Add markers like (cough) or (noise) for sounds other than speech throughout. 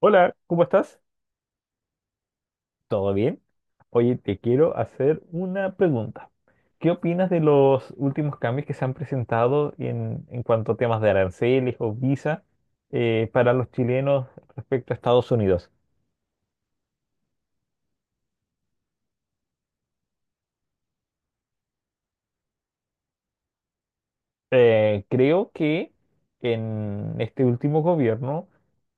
Hola, ¿cómo estás? ¿Todo bien? Oye, te quiero hacer una pregunta. ¿Qué opinas de los últimos cambios que se han presentado en cuanto a temas de aranceles o visa para los chilenos respecto a Estados Unidos? Creo que en este último gobierno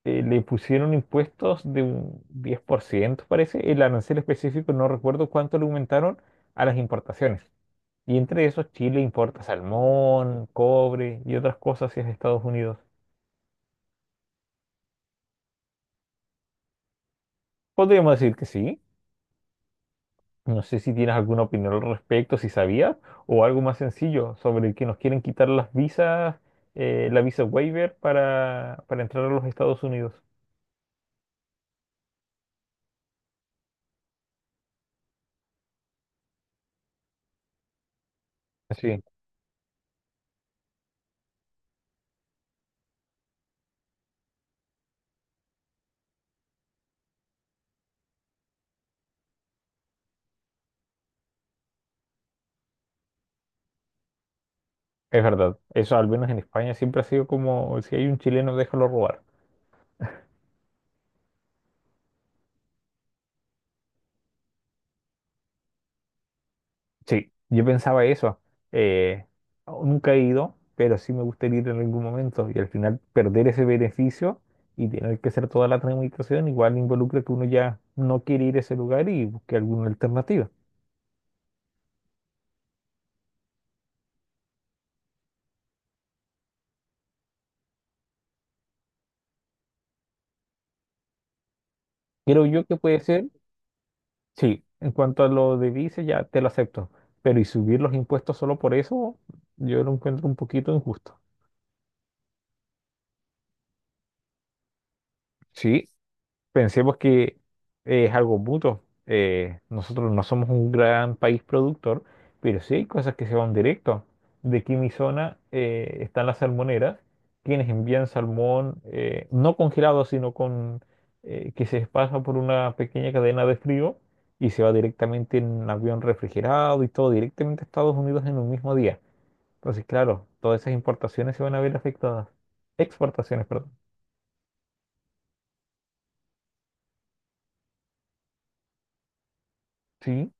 le pusieron impuestos de un 10%, parece. El arancel específico, no recuerdo cuánto le aumentaron a las importaciones. Y entre esos, Chile importa salmón, cobre y otras cosas hacia Estados Unidos. Podríamos decir que sí. No sé si tienes alguna opinión al respecto, si sabías, o algo más sencillo sobre que nos quieren quitar las visas, la visa waiver para entrar a los Estados Unidos. Sí, es verdad. Eso al menos en España siempre ha sido como si hay un chileno, déjalo robar. Sí, yo pensaba eso. Eh, oh, Nunca he ido, pero sí me gustaría ir en algún momento y al final perder ese beneficio y tener que hacer toda la tramitación igual involucra que uno ya no quiere ir a ese lugar y busque alguna alternativa. Creo yo que puede ser, sí, en cuanto a lo de vice ya te lo acepto, pero y subir los impuestos solo por eso, yo lo encuentro un poquito injusto. Sí, pensemos que es algo mutuo. Nosotros no somos un gran país productor, pero sí hay cosas que se van directo. De aquí en mi zona están las salmoneras, quienes envían salmón no congelado, sino con que se pasa por una pequeña cadena de frío y se va directamente en un avión refrigerado y todo directamente a Estados Unidos en un mismo día. Entonces, claro, todas esas importaciones se van a ver afectadas. Exportaciones, perdón. Sí,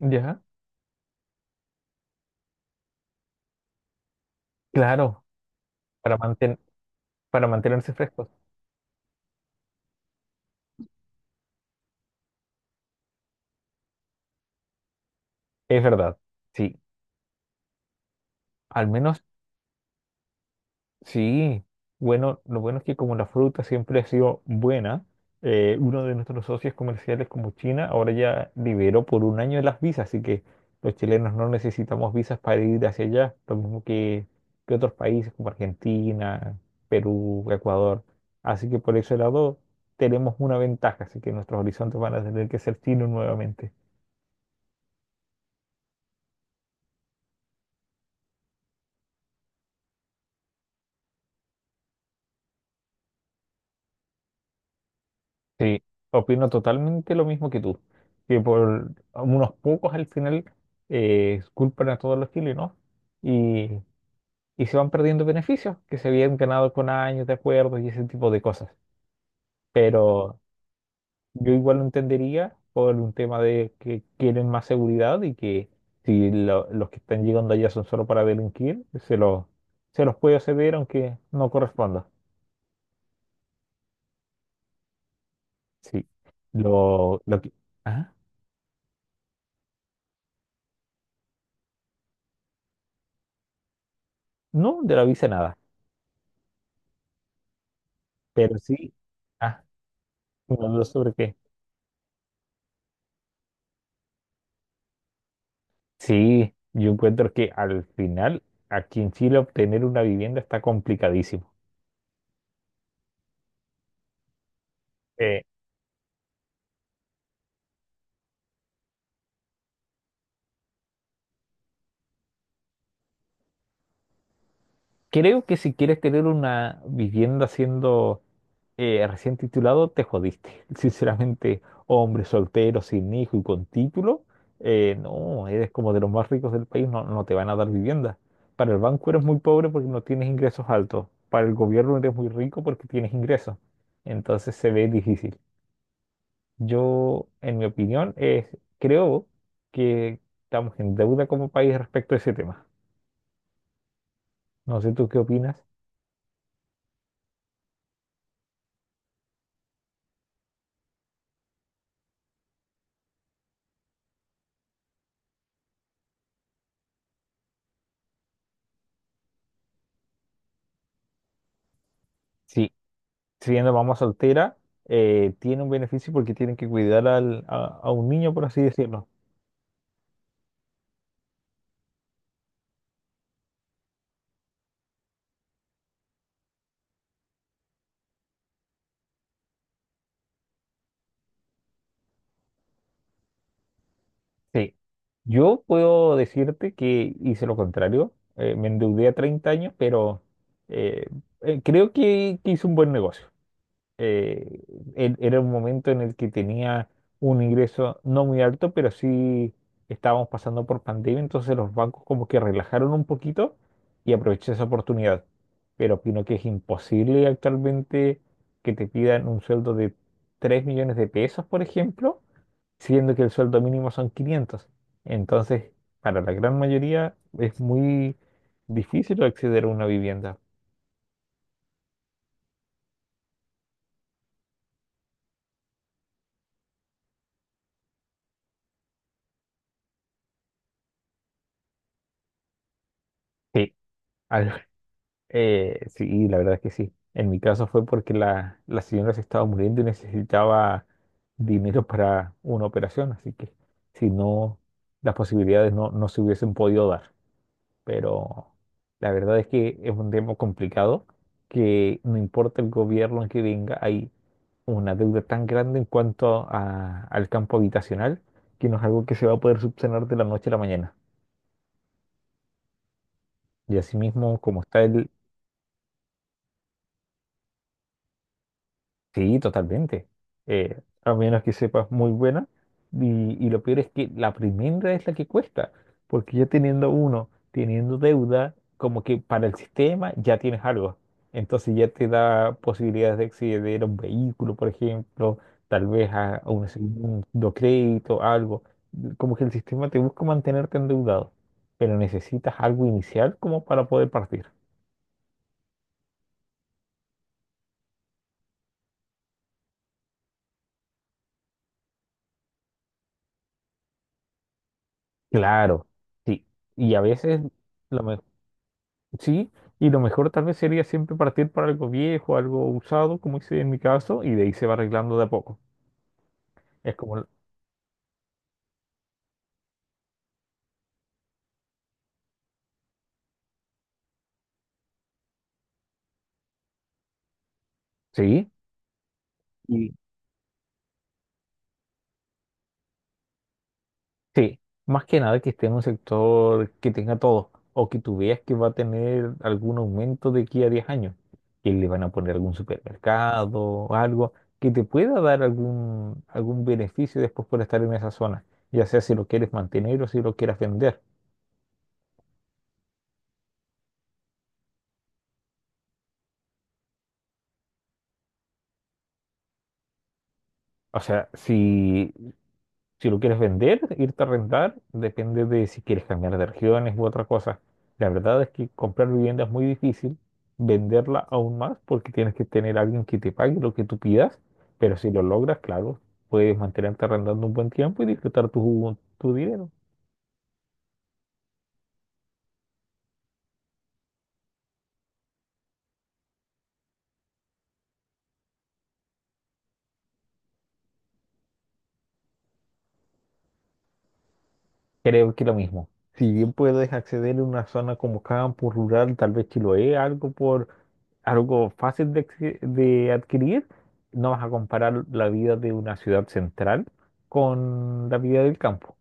ya, claro, para mantener. Para mantenerse frescos. Es verdad, sí. Al menos, sí. Bueno, lo bueno es que como la fruta siempre ha sido buena, uno de nuestros socios comerciales como China ahora ya liberó por un año las visas, así que los chilenos no necesitamos visas para ir hacia allá, lo mismo que otros países como Argentina, Perú, Ecuador. Así que por ese lado tenemos una ventaja, así que nuestros horizontes van a tener que ser chinos nuevamente. Sí, opino totalmente lo mismo que tú, que por unos pocos al final culpan a todos los chilenos y, y se van perdiendo beneficios que se habían ganado con años de acuerdos y ese tipo de cosas. Pero yo igual lo entendería por un tema de que quieren más seguridad y que si los que están llegando allá son solo para delinquir, se los puede acceder aunque no corresponda. Sí, lo que... ¿Ah? No, de la visa nada, pero sí. ah, ¿No sobre qué? Sí, yo encuentro que al final aquí en Chile obtener una vivienda está complicadísimo. Eh, Creo que si quieres tener una vivienda siendo recién titulado, te jodiste. (laughs) Sinceramente, hombre soltero, sin hijo y con título, no, eres como de los más ricos del país, no, no te van a dar vivienda. Para el banco eres muy pobre porque no tienes ingresos altos. Para el gobierno eres muy rico porque tienes ingresos. Entonces se ve difícil. Yo, en mi opinión, es, creo que estamos en deuda como país respecto a ese tema. No sé tú qué opinas. Sí, siendo mamá soltera, tiene un beneficio porque tienen que cuidar a un niño, por así decirlo. Sí, yo puedo decirte que hice lo contrario. Me endeudé a 30 años, pero eh, creo que hice un buen negocio. eh, Era un momento en el que tenía un ingreso no muy alto, pero sí estábamos pasando por pandemia, entonces los bancos como que relajaron un poquito y aproveché esa oportunidad. Pero opino que es imposible actualmente que te pidan un sueldo de 3 millones de pesos, por ejemplo, siendo que el sueldo mínimo son 500. Entonces, para la gran mayoría es muy difícil acceder a una vivienda. Sí. Al- sí, la verdad es que sí. En mi caso fue porque la señora se estaba muriendo y necesitaba dinero para una operación, así que si no, las posibilidades no se hubiesen podido dar. Pero la verdad es que es un tema complicado que no importa el gobierno que venga, hay una deuda tan grande en cuanto al campo habitacional que no es algo que se va a poder subsanar de la noche a la mañana. Y asimismo, como está el. Sí, totalmente. A menos que sepas muy buena. Y lo peor es que la primera es la que cuesta, porque ya teniendo uno, teniendo deuda, como que para el sistema ya tienes algo. Entonces ya te da posibilidades de acceder a un vehículo, por ejemplo, tal vez a un segundo crédito, algo. Como que el sistema te busca mantenerte endeudado, pero necesitas algo inicial como para poder partir. Claro, sí. Y a veces... Lo, me- Sí, y lo mejor tal vez sería siempre partir para algo viejo, algo usado, como hice en mi caso, y de ahí se va arreglando de a poco. Es como, sí, y sí, más que nada que esté en un sector que tenga todo, o que tú veas que va a tener algún aumento de aquí a 10 años, que le van a poner algún supermercado o algo que te pueda dar algún beneficio después por estar en esa zona, ya sea si lo quieres mantener o si lo quieres vender. O sea, Si lo quieres vender, irte a rentar, depende de si quieres cambiar de regiones u otra cosa. La verdad es que comprar vivienda es muy difícil, venderla aún más porque tienes que tener a alguien que te pague lo que tú pidas, pero si lo logras, claro, puedes mantenerte arrendando un buen tiempo y disfrutar tu dinero. Creo que lo mismo. Si bien puedes acceder a una zona como campo rural, tal vez Chiloé, algo por algo fácil de adquirir, no vas a comparar la vida de una ciudad central con la vida del campo,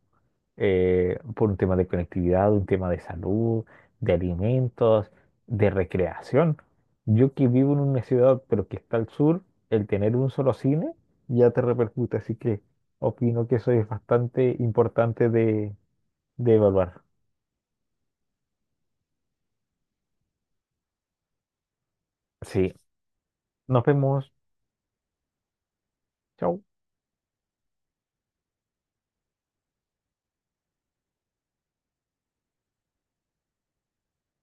por un tema de conectividad, un tema de salud, de alimentos, de recreación. Yo que vivo en una ciudad, pero que está al sur, el tener un solo cine ya te repercute, así que opino que eso es bastante importante de evaluar. Sí, nos vemos. Chao.